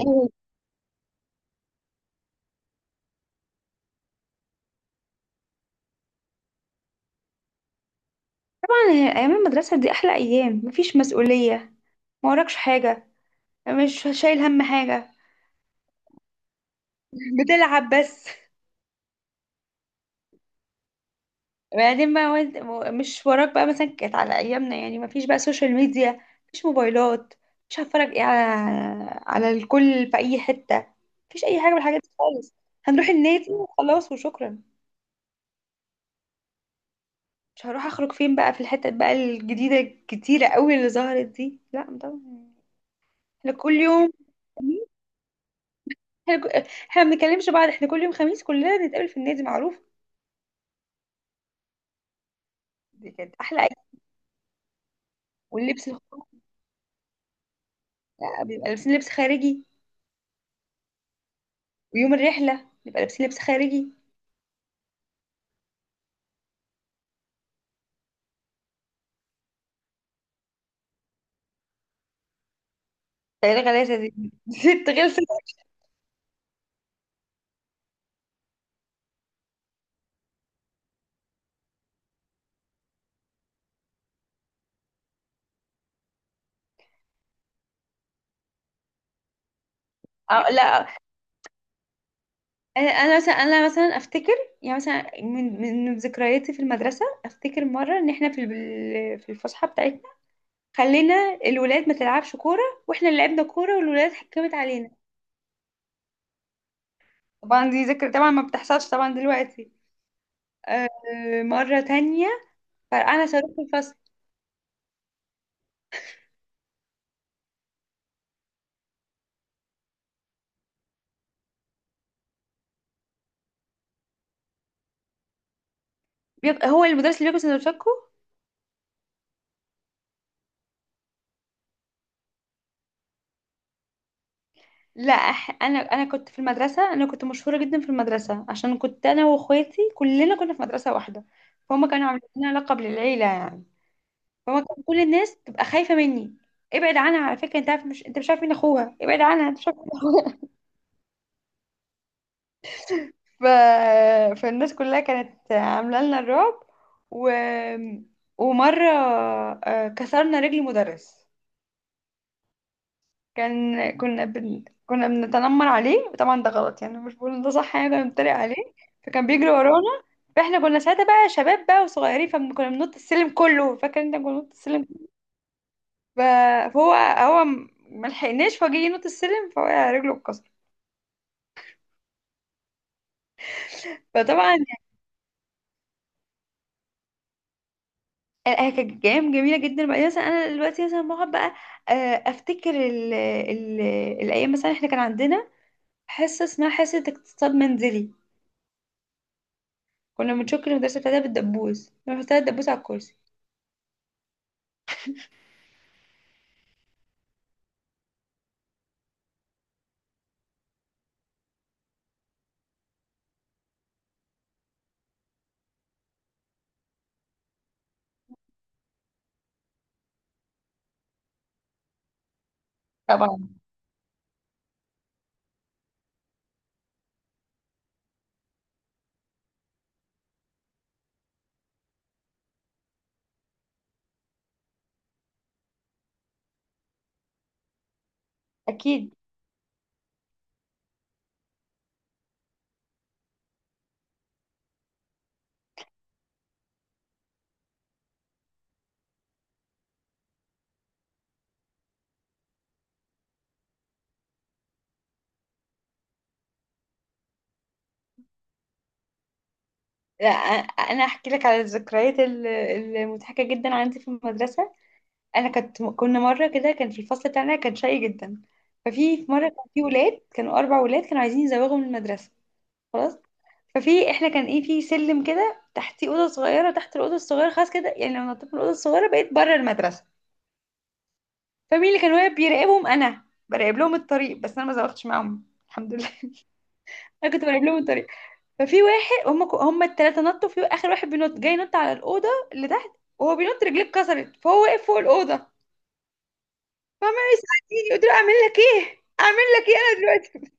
طبعا، ايام المدرسه دي احلى ايام. مفيش مسؤوليه، ما وراكش حاجه، مش شايل هم حاجه. بتلعب بس. بعدين بقى مش وراك بقى. مثلا كانت على ايامنا، يعني مفيش بقى سوشيال ميديا، مفيش موبايلات. مش هتفرج ايه على الكل في اي حته. مفيش اي حاجه من الحاجات دي خالص. هنروح النادي وخلاص وشكرا. مش هروح اخرج فين بقى في الحتت بقى الجديده الكتيره قوي اللي ظهرت دي، لا طبعا. احنا كل يوم، احنا ما بنتكلمش بعض، احنا كل يوم خميس كلنا نتقابل في النادي معروف. دي كانت احلى ايام. واللبس الخ- بيبقى لابسين لبس خارجي، ويوم الرحله نبقى لابسين لبس خارجي. تلاته غلاسه دي ست غلسه. أو لا. انا، أنا مثلا افتكر، يعني مثلا من ذكرياتي في المدرسه. افتكر مره ان احنا في الفسحه بتاعتنا، خلينا الولاد ما تلعبش كوره، واحنا اللي لعبنا كوره والولاد حكمت علينا. طبعا دي ذكرى طبعا ما بتحصلش طبعا دلوقتي. آه، مرة تانية فرقعنا صاروخ في الفصل. هو المدرس اللي بياكل سندوتشاتكو. لا، انا كنت في المدرسه، انا كنت مشهوره جدا في المدرسه، عشان كنت انا واخواتي كلنا كنا في مدرسه واحده. فهم كانوا عاملين لنا لقب للعيله يعني. فهم كان كل الناس تبقى خايفه مني، ابعد عنها، على فكره انت مش عارف مين اخوها، ابعد عنها انت مش عارف مين اخوها. ف... فالناس كلها كانت عامله لنا الرعب. و... ومره، كسرنا رجل مدرس. كنا بنتنمر عليه، وطبعا ده غلط يعني، مش بقول إن ده صح، يعني ده بنتريق عليه. فكان بيجري ورانا، فاحنا كنا ساعتها بقى شباب بقى وصغيرين، فكنا بننط السلم كله، فاكر انت كنا بننط السلم. ف- فهو ما لحقناش، فجه ينط السلم فوقع، رجله اتكسرت. فطبعا يعني هي كانت ايام جميله جدا. بعدين مثلا انا دلوقتي مثلا بقعد بقى آه، افتكر ال ال الايام، مثلا احنا كان عندنا حصه، اسمها حصه اقتصاد منزلي. كنا بنشك المدرسه بتاعتها بالدبوس، نروح بتاع الدبوس على الكرسي. طبعا. اكيد. لا. انا احكي لك على الذكريات المضحكه جدا عندي في المدرسه. انا كنت كنا مره كده، كان في الفصل بتاعنا كان شقي جدا. ففي مره، كان في ولاد كانوا اربع ولاد كانوا عايزين يزوغوا من المدرسه، خلاص. ففي احنا، كان ايه، في سلم كده تحتيه اوضه صغيره، تحت الاوضه الصغيره خلاص كده، يعني لو نطيت من الاوضه الصغيره بقيت بره المدرسه. فمين اللي كان واقف بيراقبهم؟ انا. براقب لهم الطريق بس، انا ما زوغتش معاهم الحمد لله. انا كنت براقب لهم الطريق. ففي واحد، هم الثلاثه نطوا، في اخر واحد بينط جاي ينط على الاوضه اللي تحت، وهو بينط رجليه اتكسرت، فهو واقف فوق الاوضه، فعمال يساعدني. قلت له اعمل لك ايه، اعمل لك ايه انا دلوقتي؟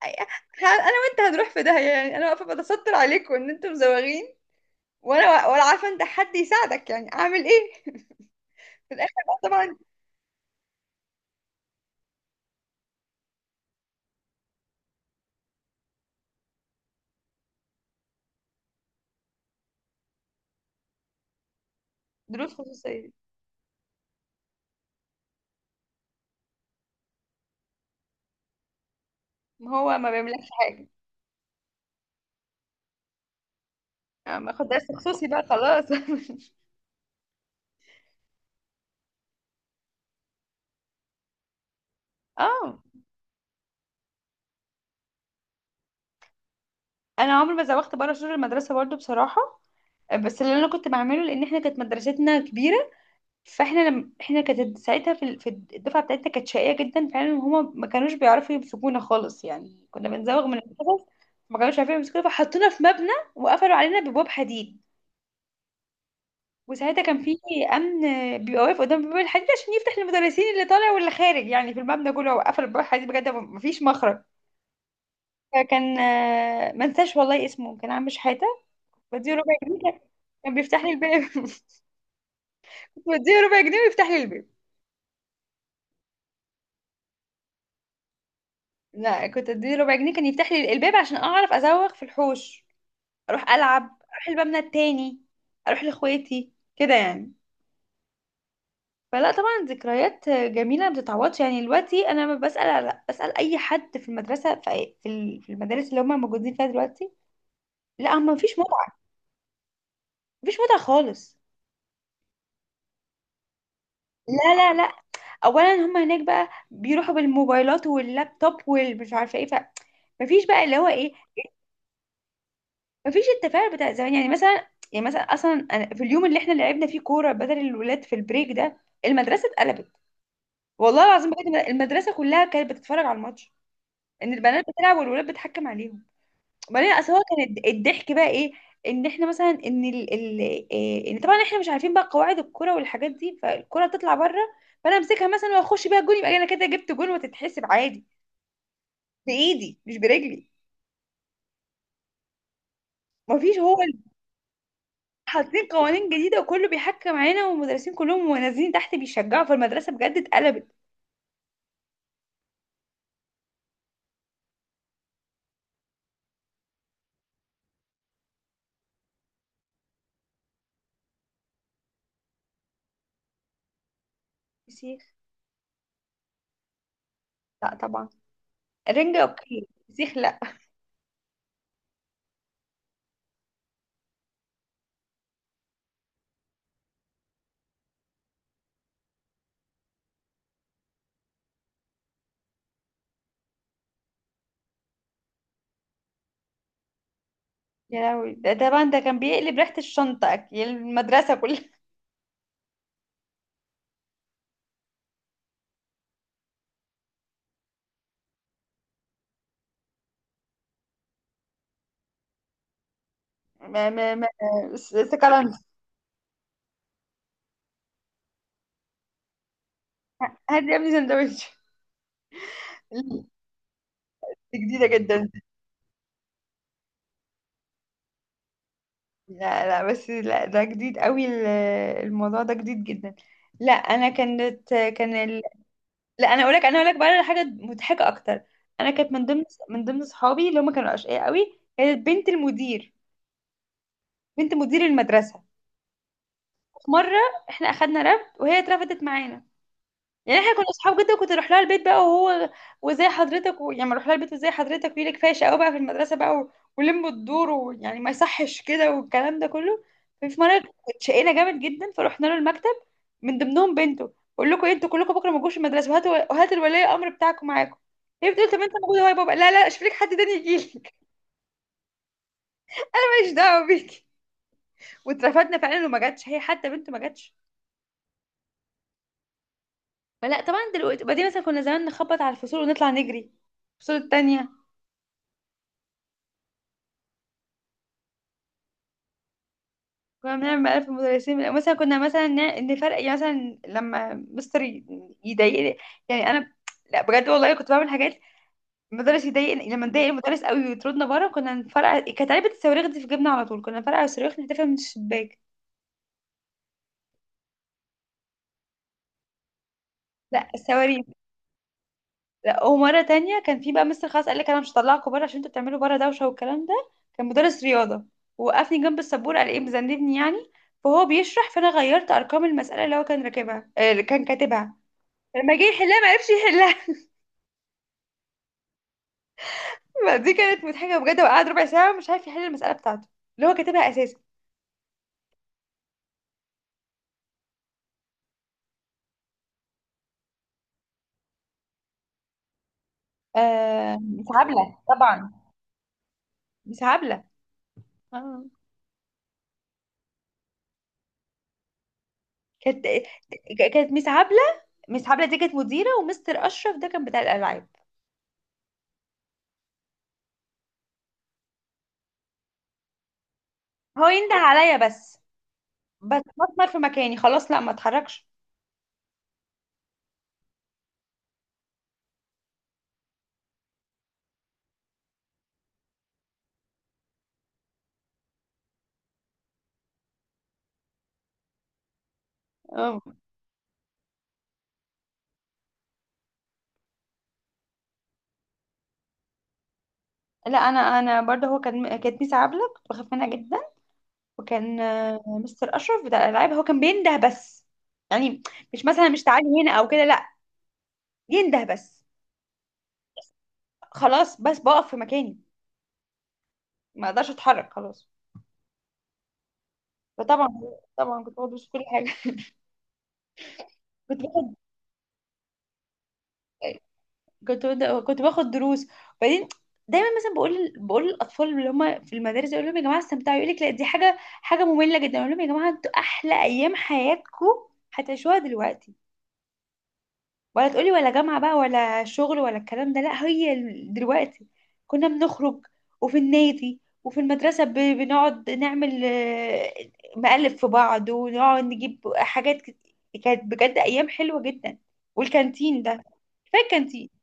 انا وانت هنروح في داهيه، يعني انا واقفه بتستر عليكم ان انتم مزوغين، ولا عارفه انت حد يساعدك، يعني اعمل ايه؟ في الاخر بقى طبعا. دروس خصوصيه. ما هو ما بيعملكش حاجه. أنا ما اخد درس خصوصي بقى خلاص. اه. انا عمري ما زوغت بره سور المدرسه برضو بصراحه، بس اللي انا كنت بعمله، لان احنا كانت مدرستنا كبيره. فاحنا لم... احنا كانت ساعتها في الدفعه بتاعتنا كانت شقيه جدا فعلا، هما ما كانوش بيعرفوا يمسكونا خالص، يعني كنا بنزوغ من الحصص. ما كانوش عارفين يمسكونا، فحطونا في مبنى وقفلوا علينا ببواب حديد. وساعتها كان في امن بيبقى واقف قدام باب الحديد عشان يفتح للمدرسين، اللي طالع واللي خارج يعني، في المبنى كله. وقفل باب الحديد بجد مفيش مخرج. فكان ما انساش والله اسمه، كان عم شحاته. بديه ربع جنيه، كان بيفتح لي الباب. بديه ربع جنيه ويفتح لي الباب. لا، كنت اديله ربع جنيه كان يفتح لي الباب، عشان اعرف ازوغ في الحوش، اروح العب، اروح المبنى التاني، اروح لاخواتي كده يعني. فلا طبعا، ذكريات جميله ما بتتعوضش. يعني دلوقتي انا لما بسال اي حد في المدرسه، في أي- في ال- في المدارس اللي هم موجودين فيها دلوقتي، لا هم مفيش متعه، مفيش متعه خالص. لا، لا، لا. اولا هم هناك بقى بيروحوا بالموبايلات واللابتوب والمش عارفه ايه، ف مفيش بقى اللي هو ايه، مفيش التفاعل بتاع زمان. يعني مثلا، يعني مثلا اصلا، أنا في اليوم اللي احنا لعبنا فيه كوره بدل الولاد في البريك ده، المدرسه اتقلبت، والله العظيم بجد. المدرسه كلها كانت بتتفرج على الماتش، ان البنات بتلعب والولاد بتحكم عليهم. وبعدين اصل هو كان الضحك بقى ايه، ان احنا مثلا، ان ال ال إيه، ان طبعا احنا مش عارفين بقى قواعد الكوره والحاجات دي، فالكوره تطلع بره، فانا امسكها مثلا واخش بيها جون، يبقى انا كده جبت جون وتتحسب عادي، بايدي مش برجلي. مفيش، هو حاطين قوانين جديدة، وكله بيحكم علينا والمدرسين كلهم ونازلين تحت بيشجعوا، فالمدرسة بجد اتقلبت. فسيخ. لا طبعا. رنجة اوكي، فسيخ لا. يا لهوي، ده كان بيقلب ريحة الشنطة، أكل المدرسة كلها. ما ما ما سكالانس، هات يا ابني سندوتش. دي جديدة جدا. لا لا، بس لا، ده جديد قوي. الموضوع ده جديد جدا. لا. انا كانت كان لا، انا اقولك بقى على حاجه مضحكه اكتر. انا كانت من ضمن صحابي اللي هم كانوا اشقياء قوي، كانت بنت المدير. بنت مدير المدرسه، في مره احنا اخدنا رفد وهي اترفدت معانا، يعني احنا كنا اصحاب جدا، وكنت اروح لها البيت بقى، وهو وزي حضرتك، يعني اروح لها البيت وزي حضرتك، ويلي كفايه شقاوه بقى في المدرسه بقى، ولم الدور ويعني ما يصحش كده، والكلام ده كله. ففي مره اتشقينا جامد جدا، فرحنا له المكتب، من ضمنهم بنته. بقول لكم إيه، انتوا كلكم بكره ما تجوش المدرسه، وهاتوا الولي الامر بتاعكم معاكم. هي بتقول: طب انت موجوده اهو يا بابا. لا لا، اشوف لك حد تاني يجي لك. ماليش دعوه بيكي. واترفدنا فعلا، وما جاتش هي، حتى بنته ما جاتش. فلا طبعا. دلوقتي بعدين مثلا، كنا زمان نخبط على الفصول ونطلع نجري الفصول التانية. كنا بنعمل مقالب في المدرسين، يعني مثلا كنا مثلا نفرق، يعني مثلا لما مستر يضايقني، يعني انا، لا بجد والله كنت بعمل حاجات. المدرس يضايقني، لما نضايق المدرس قوي ويطردنا بره، كنا نفرقع. كانت علبة الصواريخ دي في جيبنا على طول، كنا نفرقع الصواريخ نحدفها من الشباك. لا الصواريخ. لا، ومرة تانية كان في بقى مستر، خلاص قال لك انا مش هطلعكم بره عشان انتوا بتعملوا بره دوشة والكلام ده. كان مدرس رياضة. وقفني جنب السبورة، قال ايه مذنبني يعني، فهو بيشرح فانا غيرت ارقام المسألة اللي هو كان راكبها، اللي كان كاتبها. لما جه يحلها ما عرفش يحلها، فدي كانت مضحكه بجد، وقعد ربع ساعه مش عارف يحل المساله بتاعته، اللي هو كاتبها اساسا. آه، مس عبله طبعا. مس عبله. اه. كانت كانت مس عبله. مس عبله دي كانت مديره، ومستر اشرف ده كان بتاع الالعاب. هو ينده عليا بس، بس بتمر في مكاني خلاص، لا ما اتحركش. آه. لا، انا برضه، هو كان كانت ميس عبله، كنت بخاف منها جدا. وكان مستر اشرف بتاع الالعاب، هو كان بينده بس، يعني مش مثلا مش تعالي هنا او كده، لا، ينده بس. خلاص بس بقف في مكاني، ما اقدرش اتحرك خلاص. فطبعا، كنت باخد دروس في كل حاجه. كنت باخد كنت باخد دروس. وبعدين دايما مثلا بقول للاطفال اللي هم في المدارس، اقول لهم يا جماعه استمتعوا، يقول لك لا دي حاجه ممله جدا، اقول لهم يا جماعه انتوا احلى ايام حياتكم هتعيشوها دلوقتي. ولا تقولي ولا جامعة بقى ولا شغل ولا الكلام ده، لا هي دلوقتي. كنا بنخرج وفي النادي وفي المدرسة بنقعد نعمل مقلب في بعض، ونقعد نجيب حاجات كانت بجد أيام حلوة جدا. والكانتين ده، كفاية الكانتين.